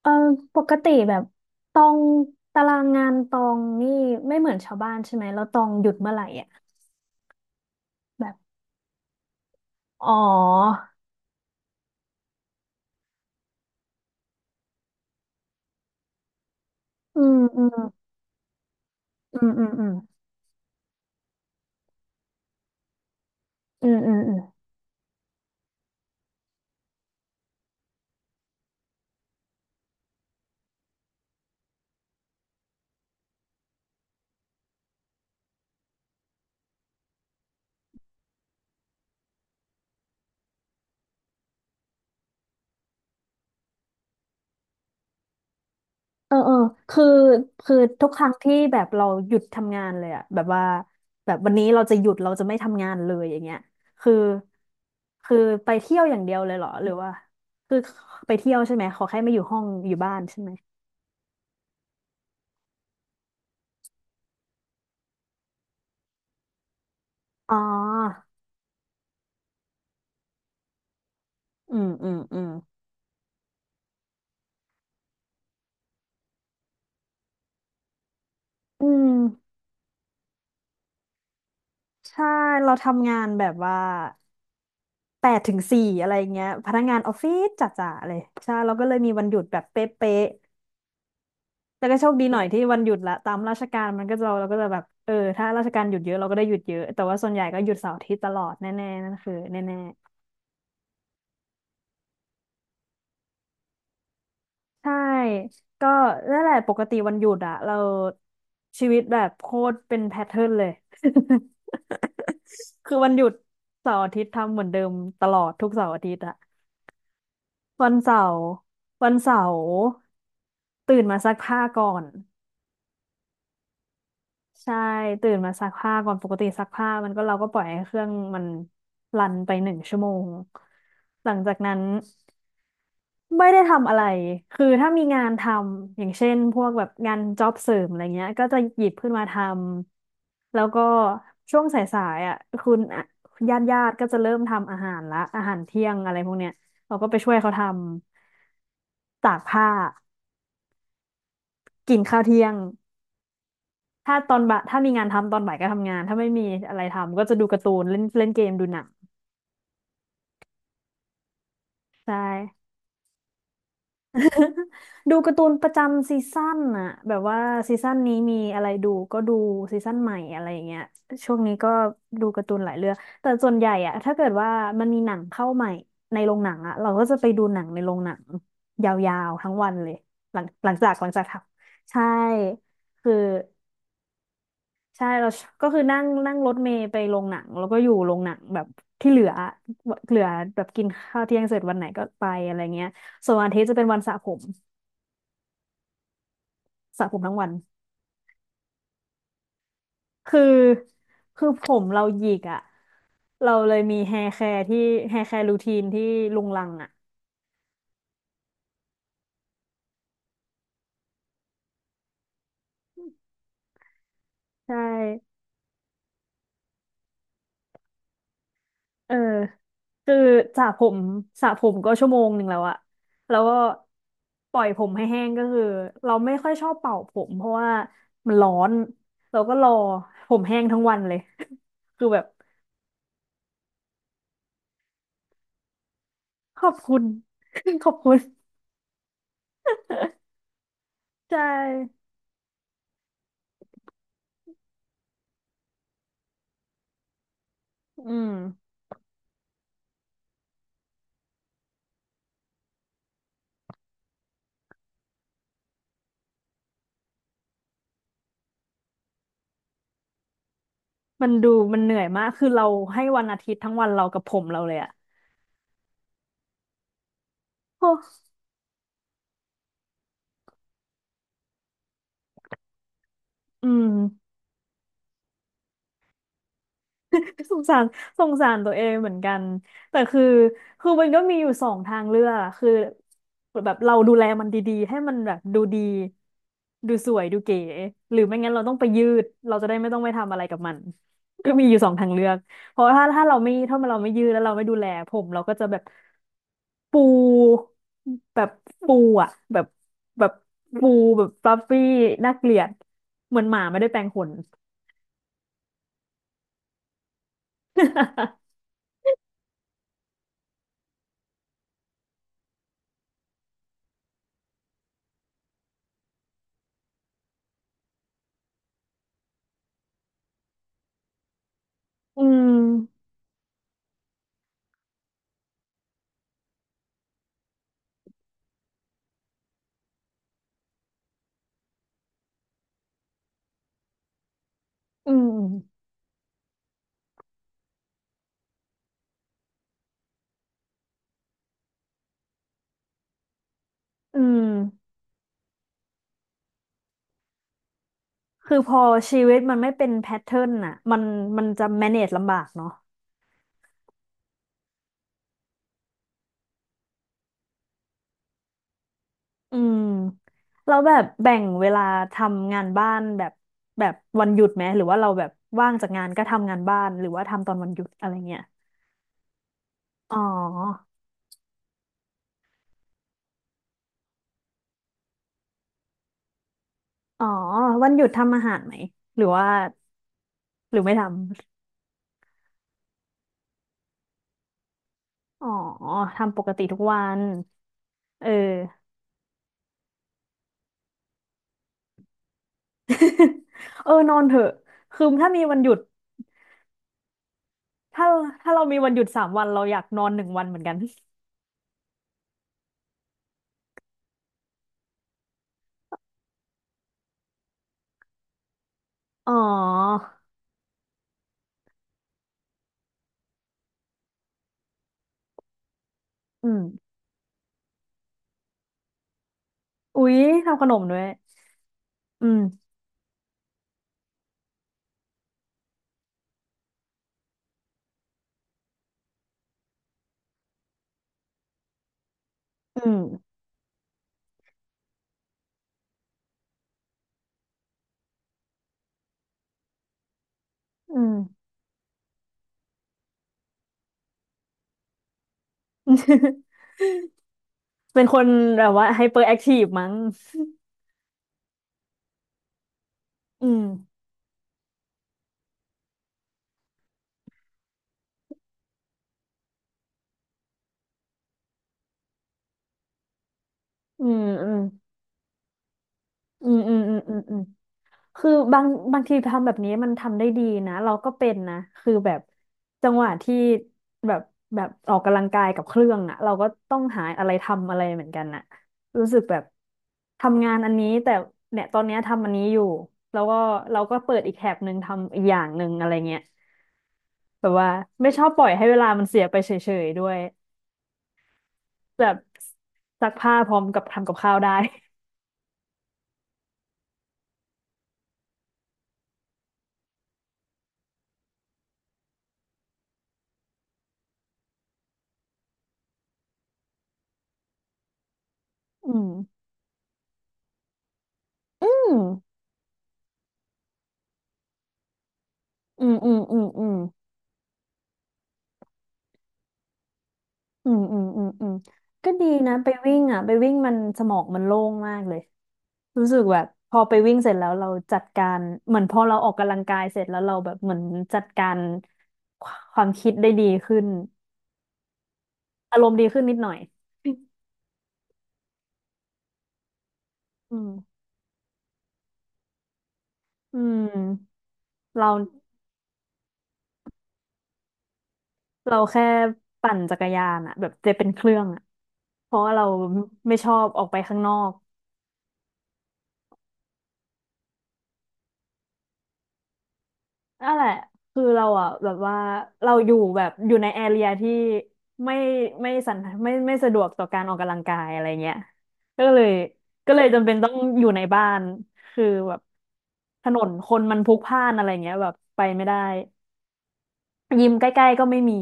เออปกติแบบตองตารางงานตองนี่ไม่เหมือนชาวบ้านใช่ไหมแล้วตองหยุดเมื่อไหร่อ่ะแบบอ๋ออืมอืมอืมอืมอืมอืมอืมอืมเออเออคือคือทุกครั้งที่แบบเราหยุดทำงานเลยอ่ะแบบว่าแบบวันนี้เราจะหยุดเราจะไม่ทำงานเลยอย่างเงี้ยคือคือไปเที่ยวอย่างเดียวเลยเหรอหรือว่าคือไปเที่ยวใช่ไหมขอแค่ไม่อยู่ห้องอยู่บ้านใช่ไหมอ๋ออืมอืมอืมอืม ใช่เราทำงานแบบว่า8 ถึง 4อะไรเงี้ยพนักงานออฟฟิศจ๋าๆเลยใช่เราก็เลยมีวันหยุดแบบเป๊ะๆแต่ก็โชคดีหน่อยที่วันหยุดละตามราชการมันก็จะเราก็จะแบบเออถ้าราชการหยุดเยอะเราก็ได้หยุดเยอะแต่ว่าส่วนใหญ่ก็หยุดเสาร์อาทิตย์ตลอดแน่ๆนั่นคือแน่ๆใช่ก็นั่นแหละปกติวันหยุดอะเราชีวิตแบบโคตรเป็นแพทเทิร์นเลย คือวันหยุดเสาร์อาทิตย์ทำเหมือนเดิมตลอดทุกเสาร์อาทิตย์อะ วันเสาร์วันเสาร์ตื่นมาซักผ้าก่อนใช่ตื่นมาซักผ้าก่อนปกติซักผ้ามันก็เราก็ปล่อยให้เครื่องมันรันไป1 ชั่วโมงหลังจากนั้นไม่ได้ทำอะไรคือถ้ามีงานทำอย่างเช่นพวกแบบงานจ็อบเสริมอะไรเงี้ยก็จะหยิบขึ้นมาทำแล้วก็ช่วงสายๆอ่ะคุณญาติๆก็จะเริ่มทำอาหารละอาหารเที่ยงอะไรพวกเนี้ยเราก็ไปช่วยเขาทำตากผ้า กินข้าวเที่ยงถ้าตอนบ่ายถ้ามีงานทำตอนบ่ายก็ทำงานถ้าไม่มีอะไรทำก็จะดูการ์ตูนเล่นเล่นเกมดูหนังใช่ดูการ์ตูนประจำซีซั่นน่ะแบบว่าซีซั่นนี้มีอะไรดูก็ดูซีซั่นใหม่อะไรอย่างเงี้ยช่วงนี้ก็ดูการ์ตูนหลายเรื่องแต่ส่วนใหญ่อะถ้าเกิดว่ามันมีหนังเข้าใหม่ในโรงหนังอะเราก็จะไปดูหนังในโรงหนังยาวๆทั้งวันเลยหลังจากทำใช่คือ ใช่เราก็คือนั่งนั่งรถเมล์ไปโรงหนังแล้วก็อยู่โรงหนังแบบที่เหลือแบบกินข้าวเที่ยงเสร็จวันไหนก็ไปอะไรเงี้ยส่วนวันอาทิตย์จะเป็นวันสระผมสระผมทั้งวันคือคือผมเราหยิกอ่ะเราเลยมีแฮร์แคร์รูทีนที่ลุงลังอ่ะใช่ เออคือสระผมสระผมก็1 ชั่วโมงแล้วอะแล้วก็ปล่อยผมให้แห้งก็คือเราไม่ค่อยชอบเป่าผมเพราะว่ามันร้อนเราก็รอผมแห้งทั้งวันเลย คือแบบขอบคุณ ขอบคุณใช่อืมมันดูมันเหนื่อยมากคือเราให้วันอาทิตย์ทั้งวันเรากับผมเราเลยอะโอ้อืม สงสารสงสารตัวเองเหมือนกันแต่คือคือมันก็มีอยู่สองทางเลือกอะคือแบบเราดูแลมันดีๆให้มันแบบดูดีดูสวยดูเก๋หรือไม่งั้นเราต้องไปยืดเราจะได้ไม่ต้องไปทำอะไรกับมันก็มีอยู่สองทางเลือกเพราะว่าถ้าเราไม่ยืดแล้วเราไม่ดูแลผมเราก็จะปูแบบปูอ่ะแบบแบบปูแบบฟลัฟฟี่น่าเกลียดเหมือนหมาไม่ได้แปรงขน อืมอืม อืมคือพอชีวิตมันไม่เป็นแพทเทิร์นน่ะมันจะ manage ลำบากเนาะอืมแล้วแบบแบ่งเวลาทำงานบ้านแบบวันหยุดไหมหรือว่าเราแบบว่างจากงานก็ทำงานบ้านหรือว่าทำตอนวันหยุดอะไรเงี้ยอ๋ออ๋อวันหยุดทำอาหารไหมหรือว่าหรือไม่ทำอ๋อทำปกติทุกวันเออ เออนอนเถอะคือถ้ามีวันหยุดถ้าถ้าเรามีวันหยุด3 วันเราอยากนอน1 วันเหมือนกัน อ๋ออืมอุ๊ย ทำขนมด้วย อืมอืมอืม เป็นคนแบบว่าไฮเปอร์แอคทีฟมั้ง อืมอืมอืมอืมอืมอืมอืม คือบางทีทำแบบนี้มันทำได้ดีนะเราก็เป็นนะคือแบบจังหวะที่แบบแบบออกกำลังกายกับเครื่องอ่ะเราก็ต้องหาอะไรทำอะไรเหมือนกันน่ะรู้สึกแบบทำงานอันนี้แต่เนี่ยตอนเนี้ยทำอันนี้อยู่แล้วก็เราก็เปิดอีกแถบหนึ่งทำอีกอย่างหนึ่งอะไรเงี้ยแบบว่าไม่ชอบปล่อยให้เวลามันเสียไปเฉยๆด้วยแบบซักผ้าพร้อมกับทำกับข้าวได้อืมอืมอืมอืมอืม อืมอืมอืมอืมก็ดีนะไปวิ่งอ่ะไปวิ่งมันสมองมันโล่งมากเลยรู้สึกแบบพอไปวิ่งเสร็จแล้วเราจัดการเหมือนพอเราออกกำลังกายเสร็จแล้วเราแบบเหมือนจัดการความคิดได้ดีขึ้นอารมณ์ดีขึ้นนิดหน่อยอืมอืมเราเราแค่ปั่นจักรยานอ่ะแบบจะเป็นเครื่องอ่ะเพราะว่าเราไม่ชอบออกไปข้างนอก นั่นแหละคือเราอ่ะแบบว่าเราอยู่แบบอยู่ในแอเรียที่ไม่ไม่สันไม่ไม่สะดวกต่อการออกกำลังกายอะไรเงี้ยก็เลยก็เลยจำเป็นต้องอยู่ในบ้านคือแบบถนนคนมันพลุกพล่านอะไรเงี้ยแบบไปไม่ได้ยิมใกล้ๆก็ไม่มี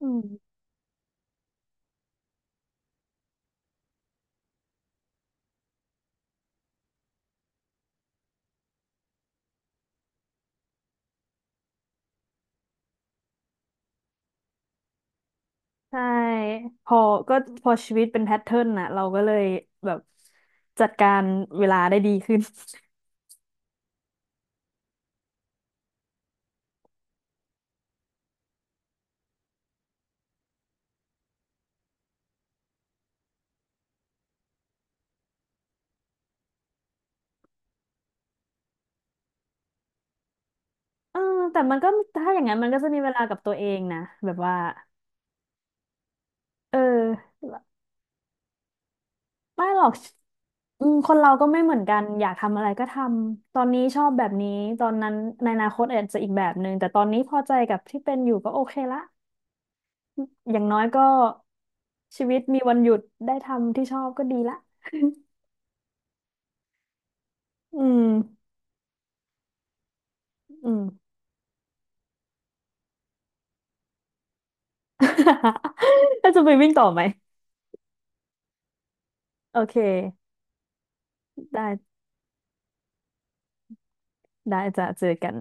อืมใช่พอก็พอชีวิตเป็นแพทเทิร์นน่ะเราก็เลยแบบจัดการเวลาได้ดีขึ้นเออแต่มันก็ถ้าอย่างนั้นมันก็จะมีเวลากับตัวเองนะแบบว่าเออ ไม่หรอกอืมคนเราก็ไม่เหมือนกันอยากทำอะไรก็ทำตอนนี้ชอบแบบนี้ตอนนั้นในอนาคตอาจจะอีกแบบหนึ่งแต่ตอนนี้พอใจกับที่เป็นอยู่ก็โอเคละอย่างน้อยก็ชีวิตมีวันหยุดได้ทำที่ชอบก็ดีละอืมอืม แล้วจะไปวิ่งต่อไหมโอเคได้ได้จะเจอกัน